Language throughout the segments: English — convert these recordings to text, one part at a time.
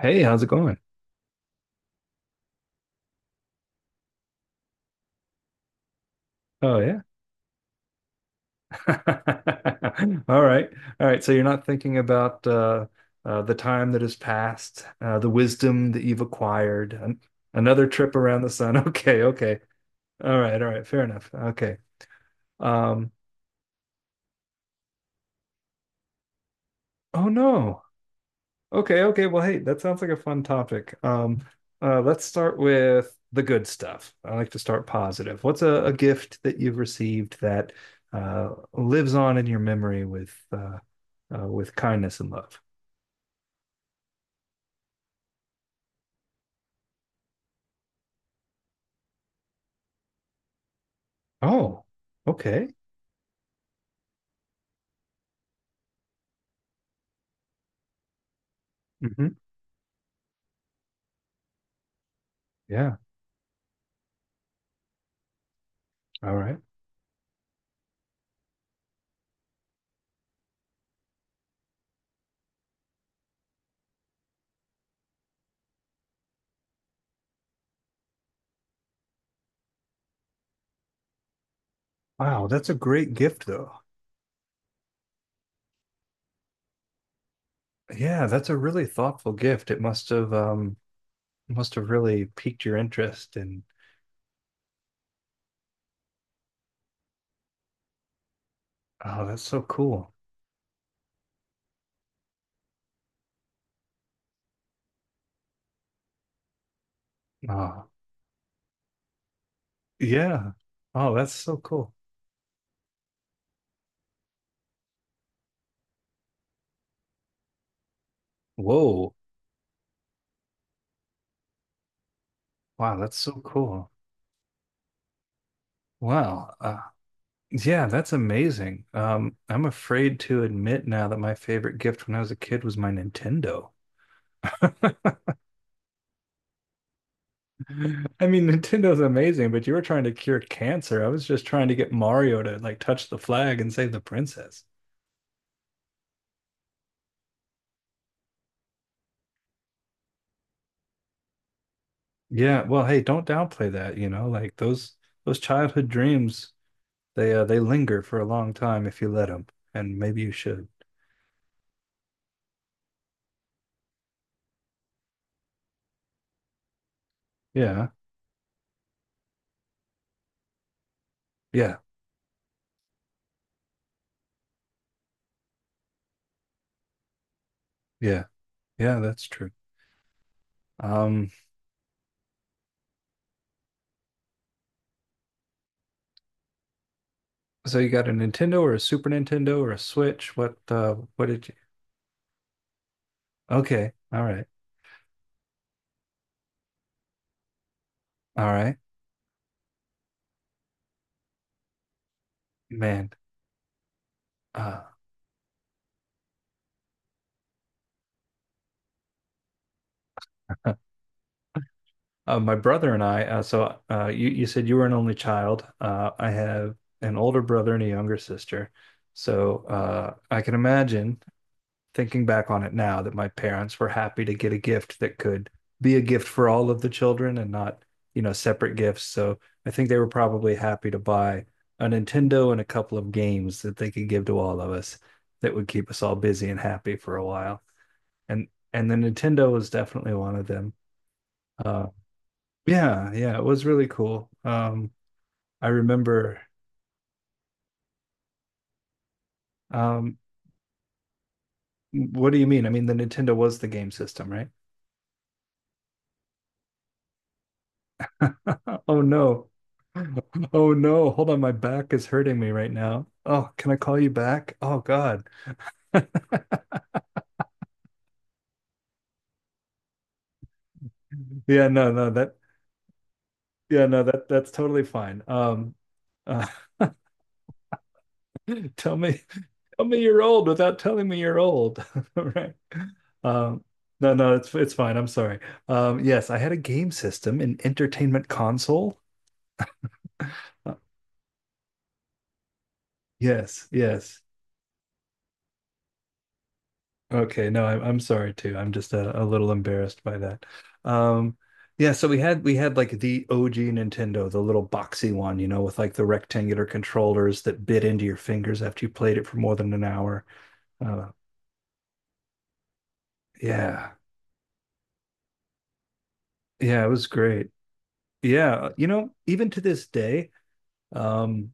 Hey, how's it going? Oh yeah. All right. All right. So you're not thinking about the time that has passed, the wisdom that you've acquired, an another trip around the sun. Okay. Okay. All right. All right. Fair enough. Okay. Um, oh no. Okay. Okay. Well, hey, that sounds like a fun topic. Let's start with the good stuff. I like to start positive. What's a gift that you've received that lives on in your memory with kindness and love? Oh, okay. Hmm. Yeah. All right. Wow, that's a great gift though. Yeah, that's a really thoughtful gift. It must have really piqued your interest and oh, that's so cool. Oh, yeah. Oh, that's so cool. Whoa. Wow, that's so cool. Wow. Yeah, that's amazing. I'm afraid to admit now that my favorite gift when I was a kid was my Nintendo. I mean, Nintendo's amazing, but you were trying to cure cancer. I was just trying to get Mario to like touch the flag and save the princess. Yeah, well, hey, don't downplay that, you know, like those childhood dreams, they linger for a long time if you let them, and maybe you should. Yeah. Yeah. Yeah. Yeah, that's true. Um, so you got a Nintendo or a Super Nintendo or a Switch? What did you? Okay. All right. All right. Man. Uh. My brother and I, you, said you were an only child. I have an older brother and a younger sister. So I can imagine, thinking back on it now, that my parents were happy to get a gift that could be a gift for all of the children and not, you know, separate gifts. So I think they were probably happy to buy a Nintendo and a couple of games that they could give to all of us that would keep us all busy and happy for a while. And and the Nintendo was definitely one of them. Uh, yeah, yeah, it was really cool. I remember. Um, what do you mean? I mean, the Nintendo was the game system, right? Oh no. Oh no. Hold on, my back is hurting me right now. Oh, can I call you back? Oh God. Yeah, no, no, that yeah, no, that that's totally fine. Uh, tell me, tell me you're old without telling me you're old, right? Um, no, no, it's fine. I'm sorry. Yes, I had a game system, an entertainment console. Uh, Yes, yes. Okay, no, I'm sorry too. I'm just a little embarrassed by that. Um, yeah, so we had like the OG Nintendo, the little boxy one, you know, with like the rectangular controllers that bit into your fingers after you played it for more than an hour. Uh, yeah, yeah, it was great. Yeah, you know, even to this day, um,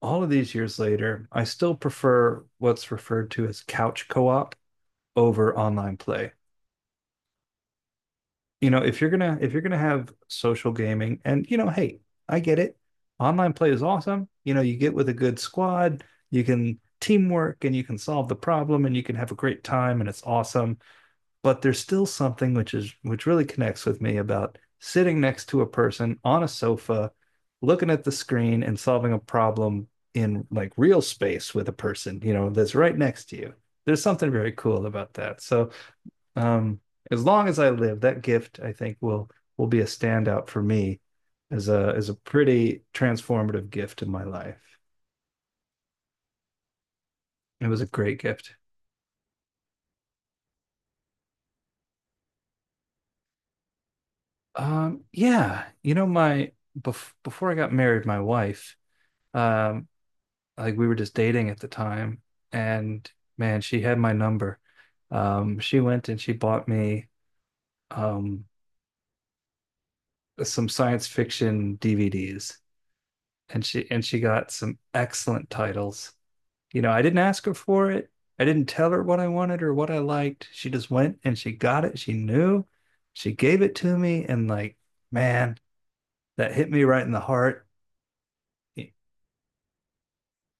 all of these years later, I still prefer what's referred to as couch co-op over online play. You know if you're gonna have social gaming and you know, hey, I get it. Online play is awesome. You know, you get with a good squad, you can teamwork and you can solve the problem and you can have a great time and it's awesome. But there's still something which is which really connects with me about sitting next to a person on a sofa, looking at the screen and solving a problem in like real space with a person, you know, that's right next to you. There's something very cool about that. So um, as long as I live, that gift I think will be a standout for me as a pretty transformative gift in my life. It was a great gift. Yeah, you know, my before I got married, my wife, um, like we were just dating at the time, and man, she had my number. She went and she bought me um some science fiction DVDs, and she got some excellent titles. You know, I didn't ask her for it. I didn't tell her what I wanted or what I liked. She just went and she got it. She knew. She gave it to me. And like, man, that hit me right in the heart.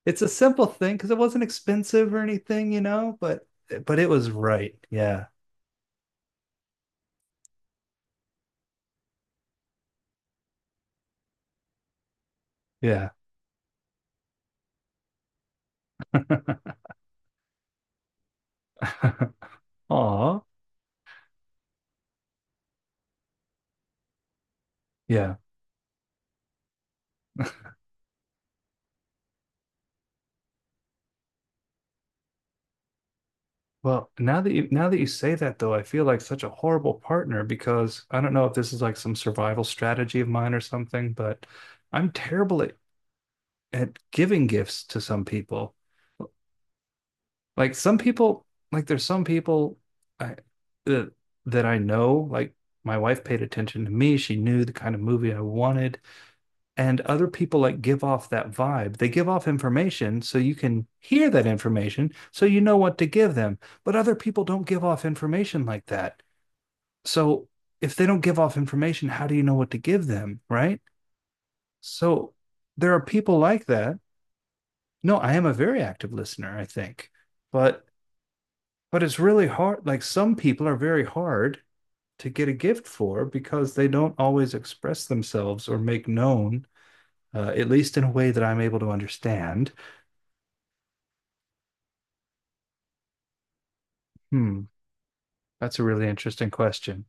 It's a simple thing because it wasn't expensive or anything, you know, but it was right. Yeah. Yeah. Aw. Yeah. Well, now that you say that though, I feel like such a horrible partner because I don't know if this is like some survival strategy of mine or something, but I'm terrible at giving gifts to some people. Like some people, there's some people I that that I know, like my wife paid attention to me. She knew the kind of movie I wanted. And other people like give off that vibe. They give off information so you can hear that information so you know what to give them. But other people don't give off information like that. So if they don't give off information, how do you know what to give them? Right. So there are people like that. No, I am a very active listener, I think. But but it's really hard. Like some people are very hard to get a gift for because they don't always express themselves or make known, at least in a way that I'm able to understand. Hmm, that's a really interesting question.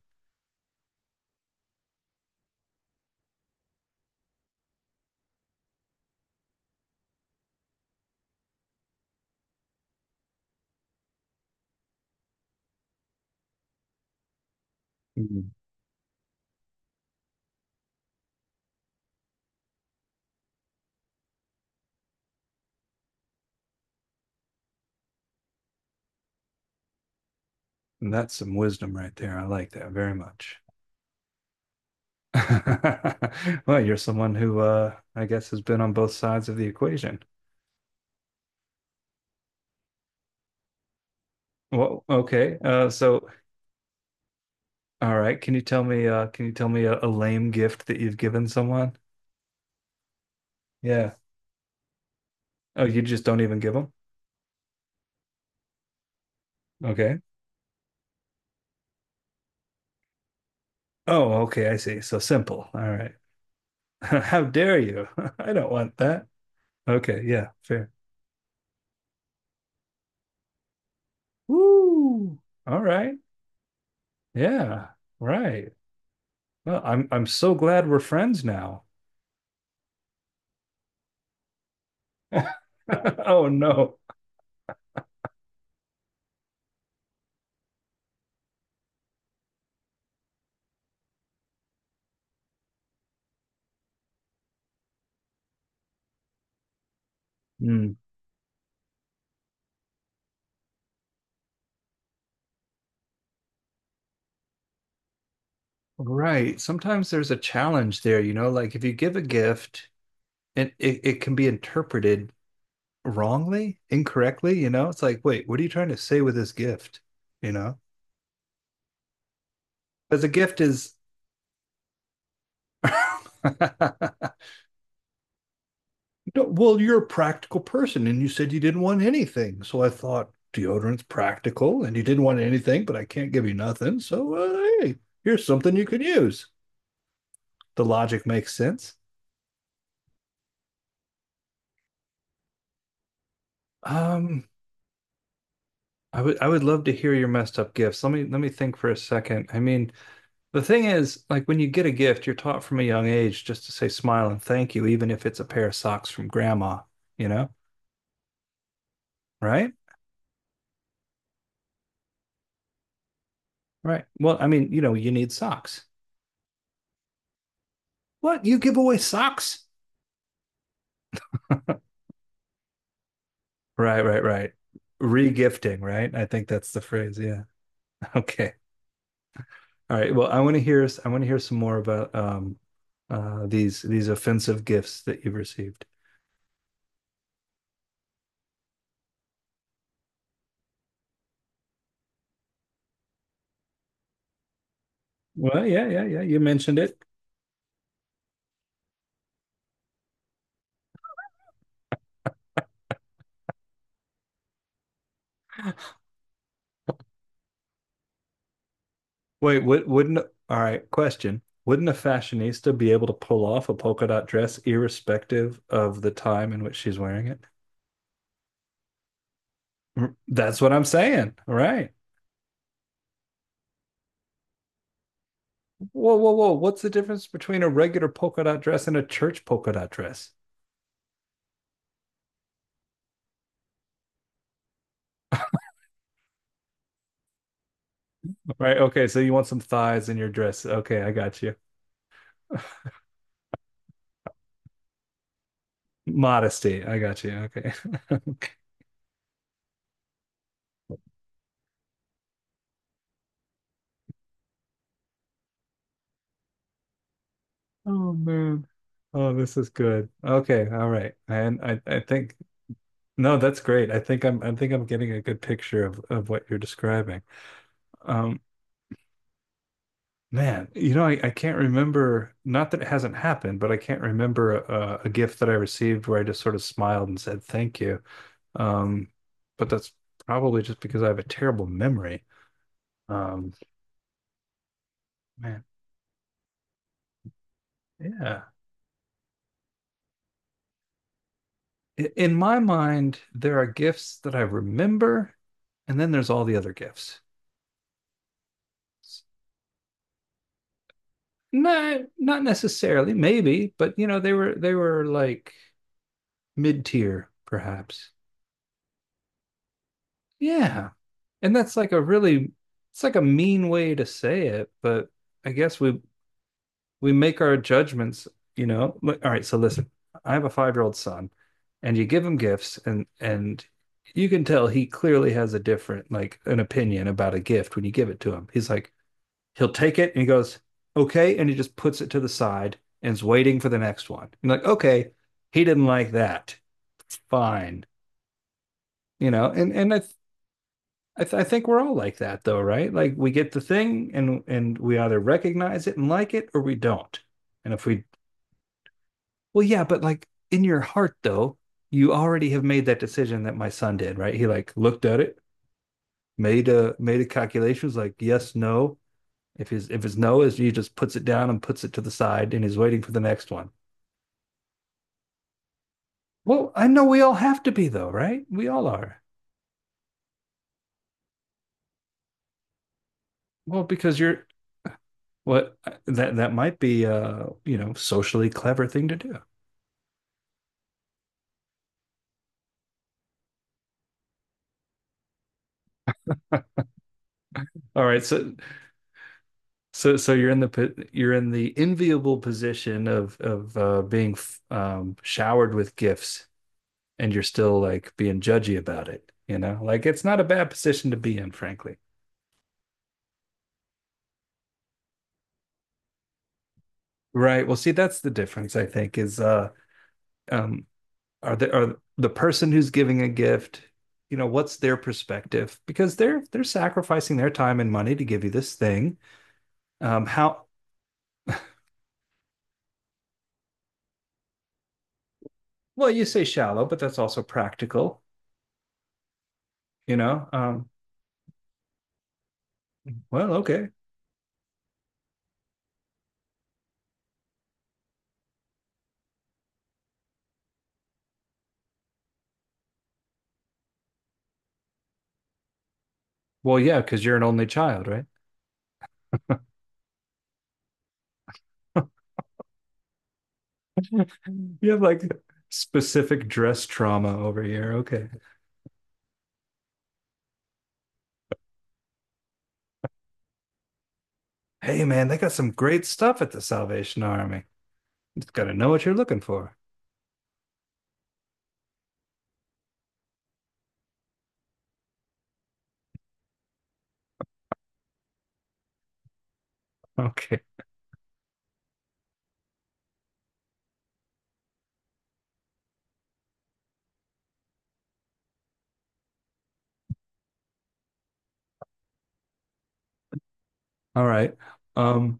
Mm. And that's some wisdom right there. I like that very much. Well, you're someone who I guess has been on both sides of the equation. Well, okay. So all right. Can you tell me can you tell me a lame gift that you've given someone? Yeah. Oh, you just don't even give them? Okay. Oh, okay, I see. So simple. All right. How dare you? I don't want that. Okay, yeah, fair. Woo. All right. Yeah. Right. Well, I'm so glad we're friends now. Oh no. Hmm. Right. Sometimes there's a challenge there, you know, like if you give a gift and it can be interpreted wrongly, incorrectly, you know? It's like, wait, what are you trying to say with this gift? You know? Because a gift is well, you're a practical person and you said you didn't want anything. So I thought deodorant's practical and you didn't want anything, but I can't give you nothing. So hey, here's something you could use. The logic makes sense. Um, I would love to hear your messed up gifts. Let me think for a second. I mean, the thing is, like when you get a gift, you're taught from a young age just to say smile and thank you, even if it's a pair of socks from grandma, you know? Right? Right. Well, I mean, you know, you need socks. What? You give away socks? Right, right, right. Regifting, right? I think that's the phrase. Yeah. Okay. All right. Well, I want to hear some more about these offensive gifts that you've received. Well, yeah, yeah, yeah. You mentioned it. Wait, wouldn't all right, question. Wouldn't a fashionista be able to pull off a polka dot dress irrespective of the time in which she's wearing it? Mm. That's what I'm saying. All right. Whoa, whoa, whoa. What's the difference between a regular polka dot dress and a church polka dot dress? Right. Okay. So you want some thighs in your dress. Okay. I got you. Modesty. I got you. Okay. Oh, man. Oh, this is good. Okay. All right. I think no, that's great. I think I'm getting a good picture of what you're describing. Um, man, you know, I can't remember, not that it hasn't happened, but I can't remember a gift that I received where I just sort of smiled and said thank you. Um, but that's probably just because I have a terrible memory. Um, man, yeah. I- In my mind, there are gifts that I remember, and then there's all the other gifts. No, not necessarily, maybe, but you know, they were like mid tier, perhaps. Yeah. And that's like a really it's like a mean way to say it, but I guess we make our judgments, you know. All right, so listen, I have a 5-year old son, and you give him gifts, and you can tell he clearly has a different like an opinion about a gift when you give it to him. He's like he'll take it and he goes okay, and he just puts it to the side and is waiting for the next one. And like okay, he didn't like that, fine, you know. And I, th- I think we're all like that though, right? Like we get the thing and we either recognize it and like it or we don't. And if we well, yeah, but like in your heart though, you already have made that decision that my son did, right? He like looked at it, made a calculation, was like yes, no. If his no, is he just puts it down and puts it to the side and he's waiting for the next one. Well, I know we all have to be though, right? We all are. Well, because you're what that might be you know, socially clever thing to do. All right, so you're in the po- you're in the enviable position of being f- showered with gifts, and you're still like being judgy about it. You know, like it's not a bad position to be in, frankly. Right. Well, see, that's the difference, I think, is um, are the person who's giving a gift, you know, what's their perspective? Because they're sacrificing their time and money to give you this thing. How well you say shallow, but that's also practical. You know, um, well, okay. Well, yeah, because you're an only child, right? You have like specific dress trauma over here. Okay. Hey, man, they got some great stuff at the Salvation Army. Just gotta know what you're looking for. Okay. All right. Um,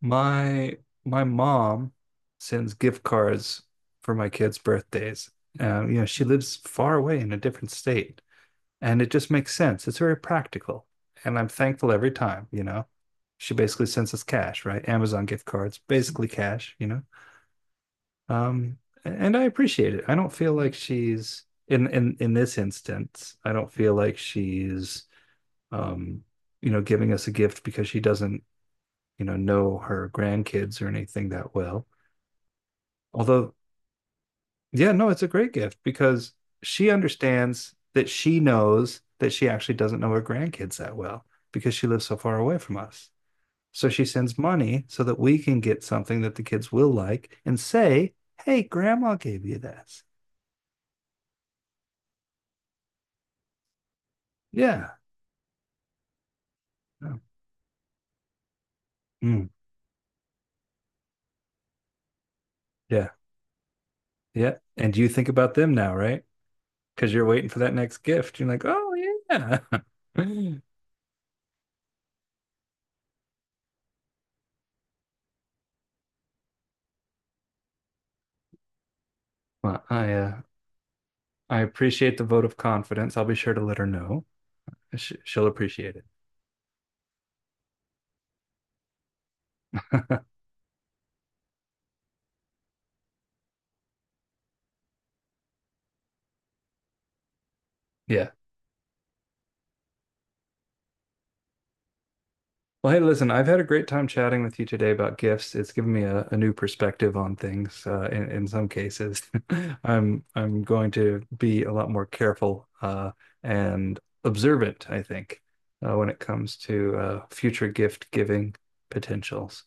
my my mom sends gift cards for my kids' birthdays. You know, she lives far away in a different state, and it just makes sense. It's very practical, and I'm thankful every time, you know. She basically sends us cash, right? Amazon gift cards, basically cash, you know. Um, and I appreciate it. I don't feel like she's in this instance. I don't feel like she's um, you know, giving us a gift because she doesn't, you know her grandkids or anything that well. Although, yeah, no, it's a great gift because she understands that she knows that she actually doesn't know her grandkids that well because she lives so far away from us. So she sends money so that we can get something that the kids will like and say, "Hey, grandma gave you this." Yeah. No. Mm, yeah, yeah. And you think about them now, right? Because you're waiting for that next gift. You're like, oh yeah. Well, I appreciate the vote of confidence. I'll be sure to let her know. She, she'll appreciate it. Yeah. Well, hey, listen, I've had a great time chatting with you today about gifts. It's given me a new perspective on things, in some cases. I'm going to be a lot more careful, and observant, I think, when it comes to future gift giving potentials.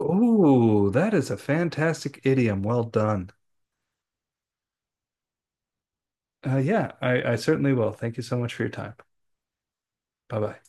Oh, that is a fantastic idiom. Well done. Yeah, I certainly will. Thank you so much for your time. Bye bye.